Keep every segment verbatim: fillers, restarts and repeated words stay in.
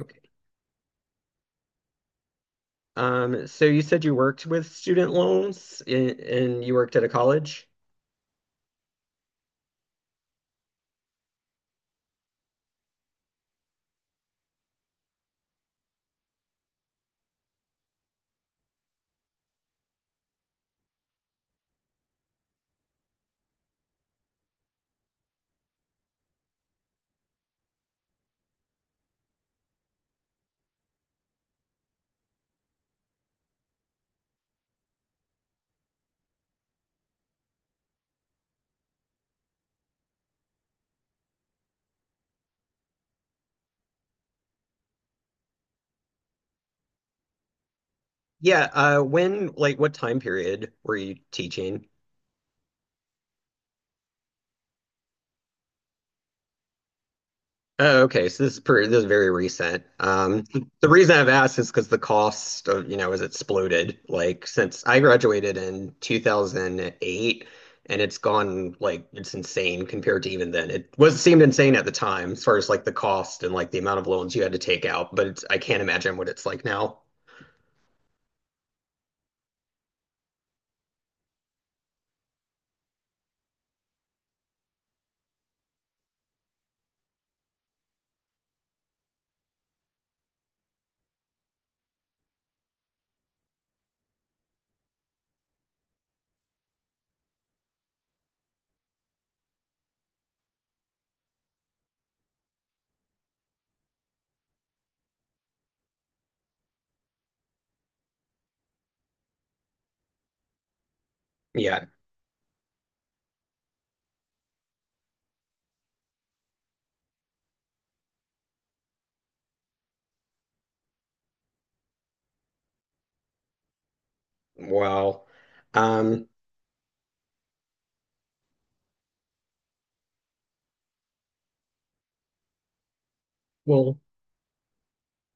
Okay. Um, so you said you worked with student loans and, and you worked at a college? Yeah, uh, when, like, what time period were you teaching? Oh, okay. So this is pretty, this is very recent. Um, the reason I've asked is because the cost of, you know, has exploded. Like, since I graduated in two thousand eight, and it's gone, like, it's insane compared to even then. It was seemed insane at the time as far as, like, the cost and, like, the amount of loans you had to take out, but it's, I can't imagine what it's like now. Yeah. Wow. Um, well,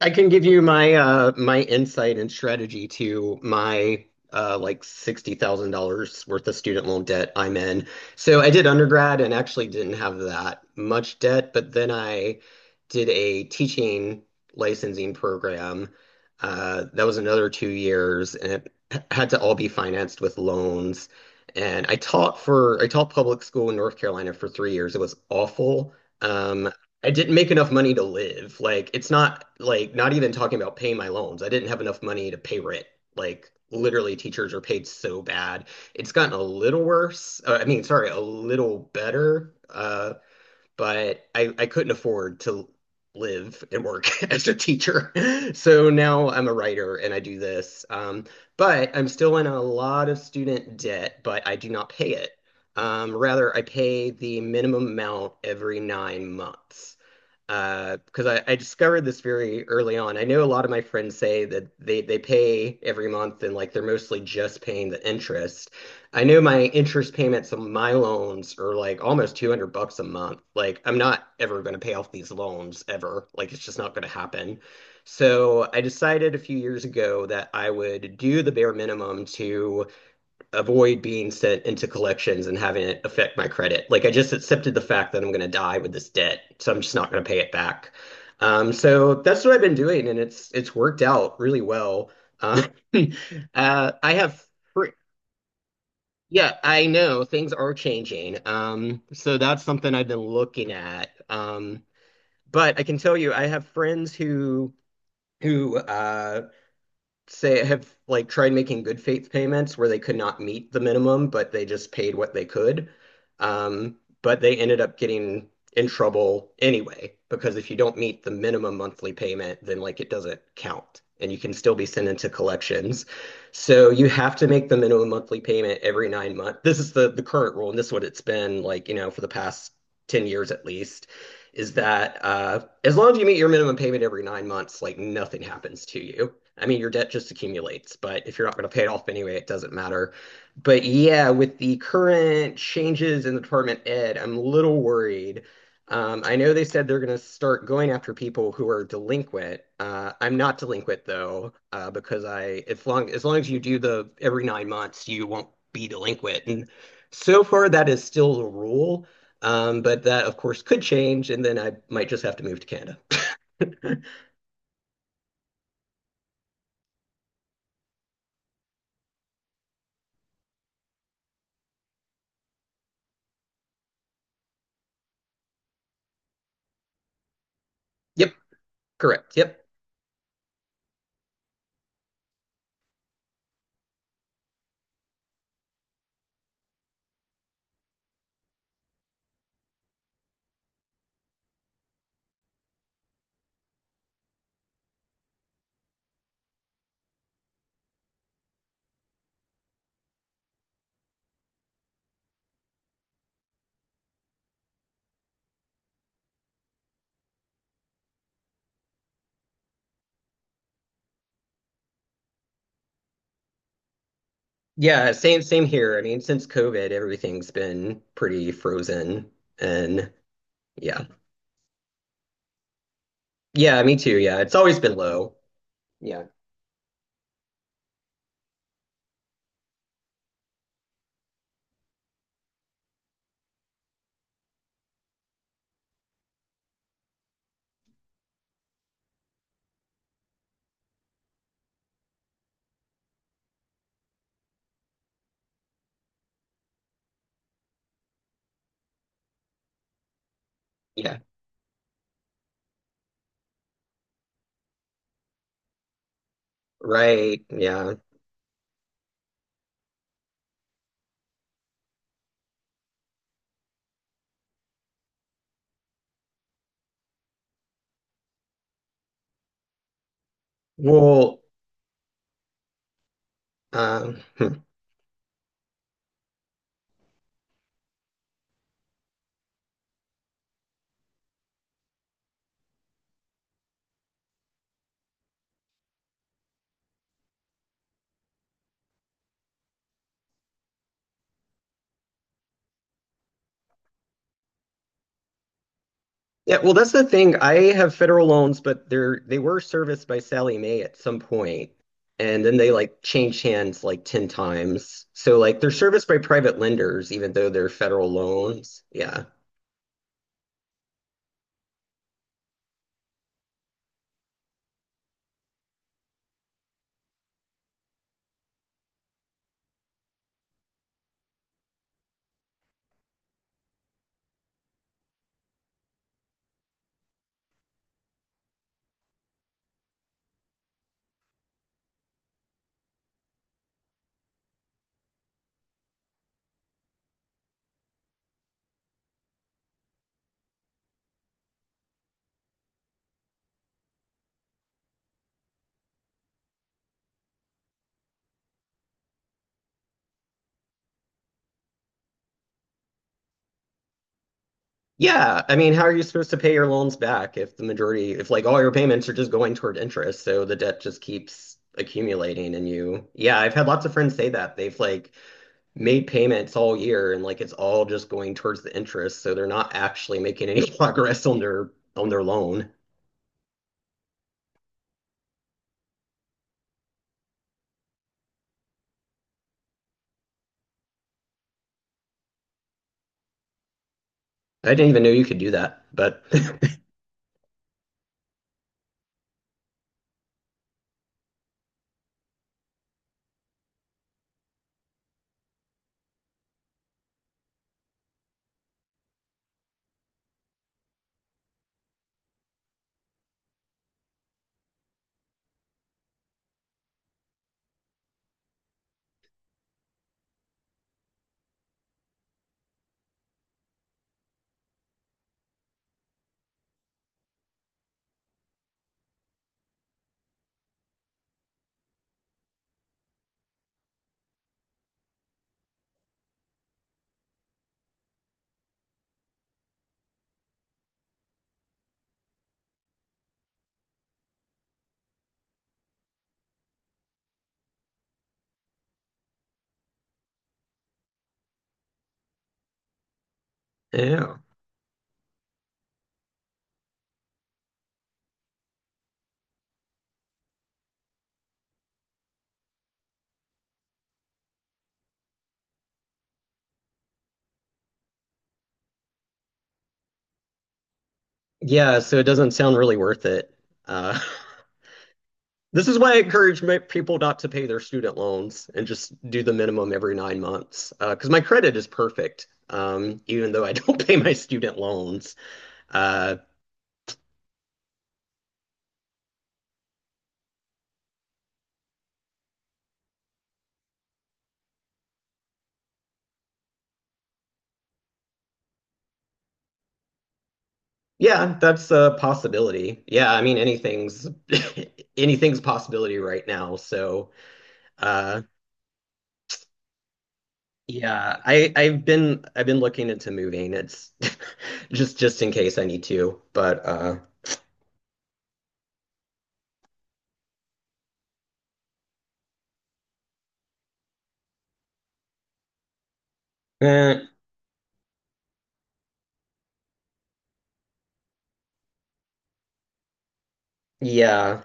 I can give you my uh my insight and strategy to my uh like sixty thousand dollars worth of student loan debt I'm in. So I did undergrad and actually didn't have that much debt, but then I did a teaching licensing program. Uh, that was another two years and it h- had to all be financed with loans. And I taught for I taught public school in North Carolina for three years. It was awful. Um, I didn't make enough money to live. Like it's not like not even talking about paying my loans. I didn't have enough money to pay rent. Like literally teachers are paid so bad. It's gotten a little worse. Uh, I mean, sorry, a little better. Uh, but I I couldn't afford to live and work as a teacher. So now I'm a writer and I do this. Um, but I'm still in a lot of student debt, but I do not pay it. Um, rather, I pay the minimum amount every nine months uh, because I, I discovered this very early on. I know a lot of my friends say that they, they pay every month and like they're mostly just paying the interest. I know my interest payments on my loans are like almost two hundred bucks a month. Like I'm not ever going to pay off these loans ever. Like it's just not going to happen. So I decided a few years ago that I would do the bare minimum to avoid being sent into collections and having it affect my credit. Like I just accepted the fact that I'm going to die with this debt, so I'm just not going to pay it back. Um, so that's what I've been doing, and it's it's worked out really well. Um, uh, I have, fr- yeah, I know things are changing. Um, so that's something I've been looking at. Um, but I can tell you, I have friends who who uh, say have like tried making good faith payments where they could not meet the minimum, but they just paid what they could. Um, but they ended up getting in trouble anyway, because if you don't meet the minimum monthly payment, then like it doesn't count and you can still be sent into collections. So you have to make the minimum monthly payment every nine months. This is the the current rule, and this is what it's been like, you know, for the past ten years at least. Is that uh, As long as you meet your minimum payment every nine months, like nothing happens to you. I mean, your debt just accumulates, but if you're not going to pay it off anyway, it doesn't matter. But yeah, with the current changes in the Department of Ed, I'm a little worried. Um, I know they said they're going to start going after people who are delinquent. Uh, I'm not delinquent though, uh, because I, if long as long as you do the every nine months, you won't be delinquent. And so far, that is still the rule. Um, but that, of course, could change, and then I might just have to move to Canada. Yep, correct. Yep. Yeah, same same here. I mean, since COVID, everything's been pretty frozen, and yeah, yeah, me too. Yeah, it's always been low. Yeah, yeah, right. Yeah. Well, um, hmm. Yeah, well, that's the thing. I have federal loans, but they're they were serviced by Sally Mae at some point, and then they like changed hands like ten times. So like they're serviced by private lenders, even though they're federal loans. Yeah. Yeah, I mean, how are you supposed to pay your loans back if the majority, if like all your payments are just going toward interest, so the debt just keeps accumulating and you, yeah, I've had lots of friends say that. They've like made payments all year and like it's all just going towards the interest, so they're not actually making any progress on their on their loan. I didn't even know you could do that, but yeah. Yeah, so it doesn't sound really worth it. Uh, this is why I encourage people not to pay their student loans and just do the minimum every nine months. Because uh, my credit is perfect, um, even though I don't pay my student loans. Uh, Yeah, that's a possibility. Yeah, I mean anything's anything's a possibility right now. So, uh yeah, I I've been I've been looking into moving. It's just just in case I need to, but uh eh, yeah.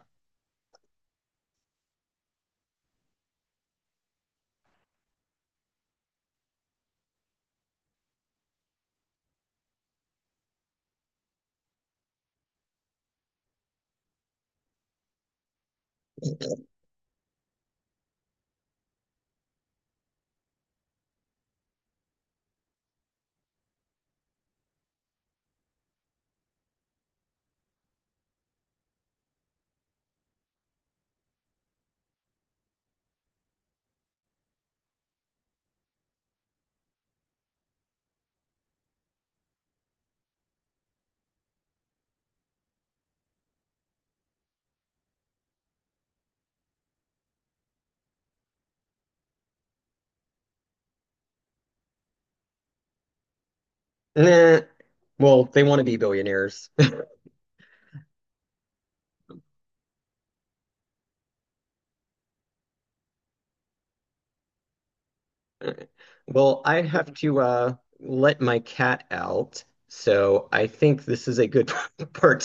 Eh, well, they want to be billionaires. Well, I have to uh let my cat out. So, I think this is a good part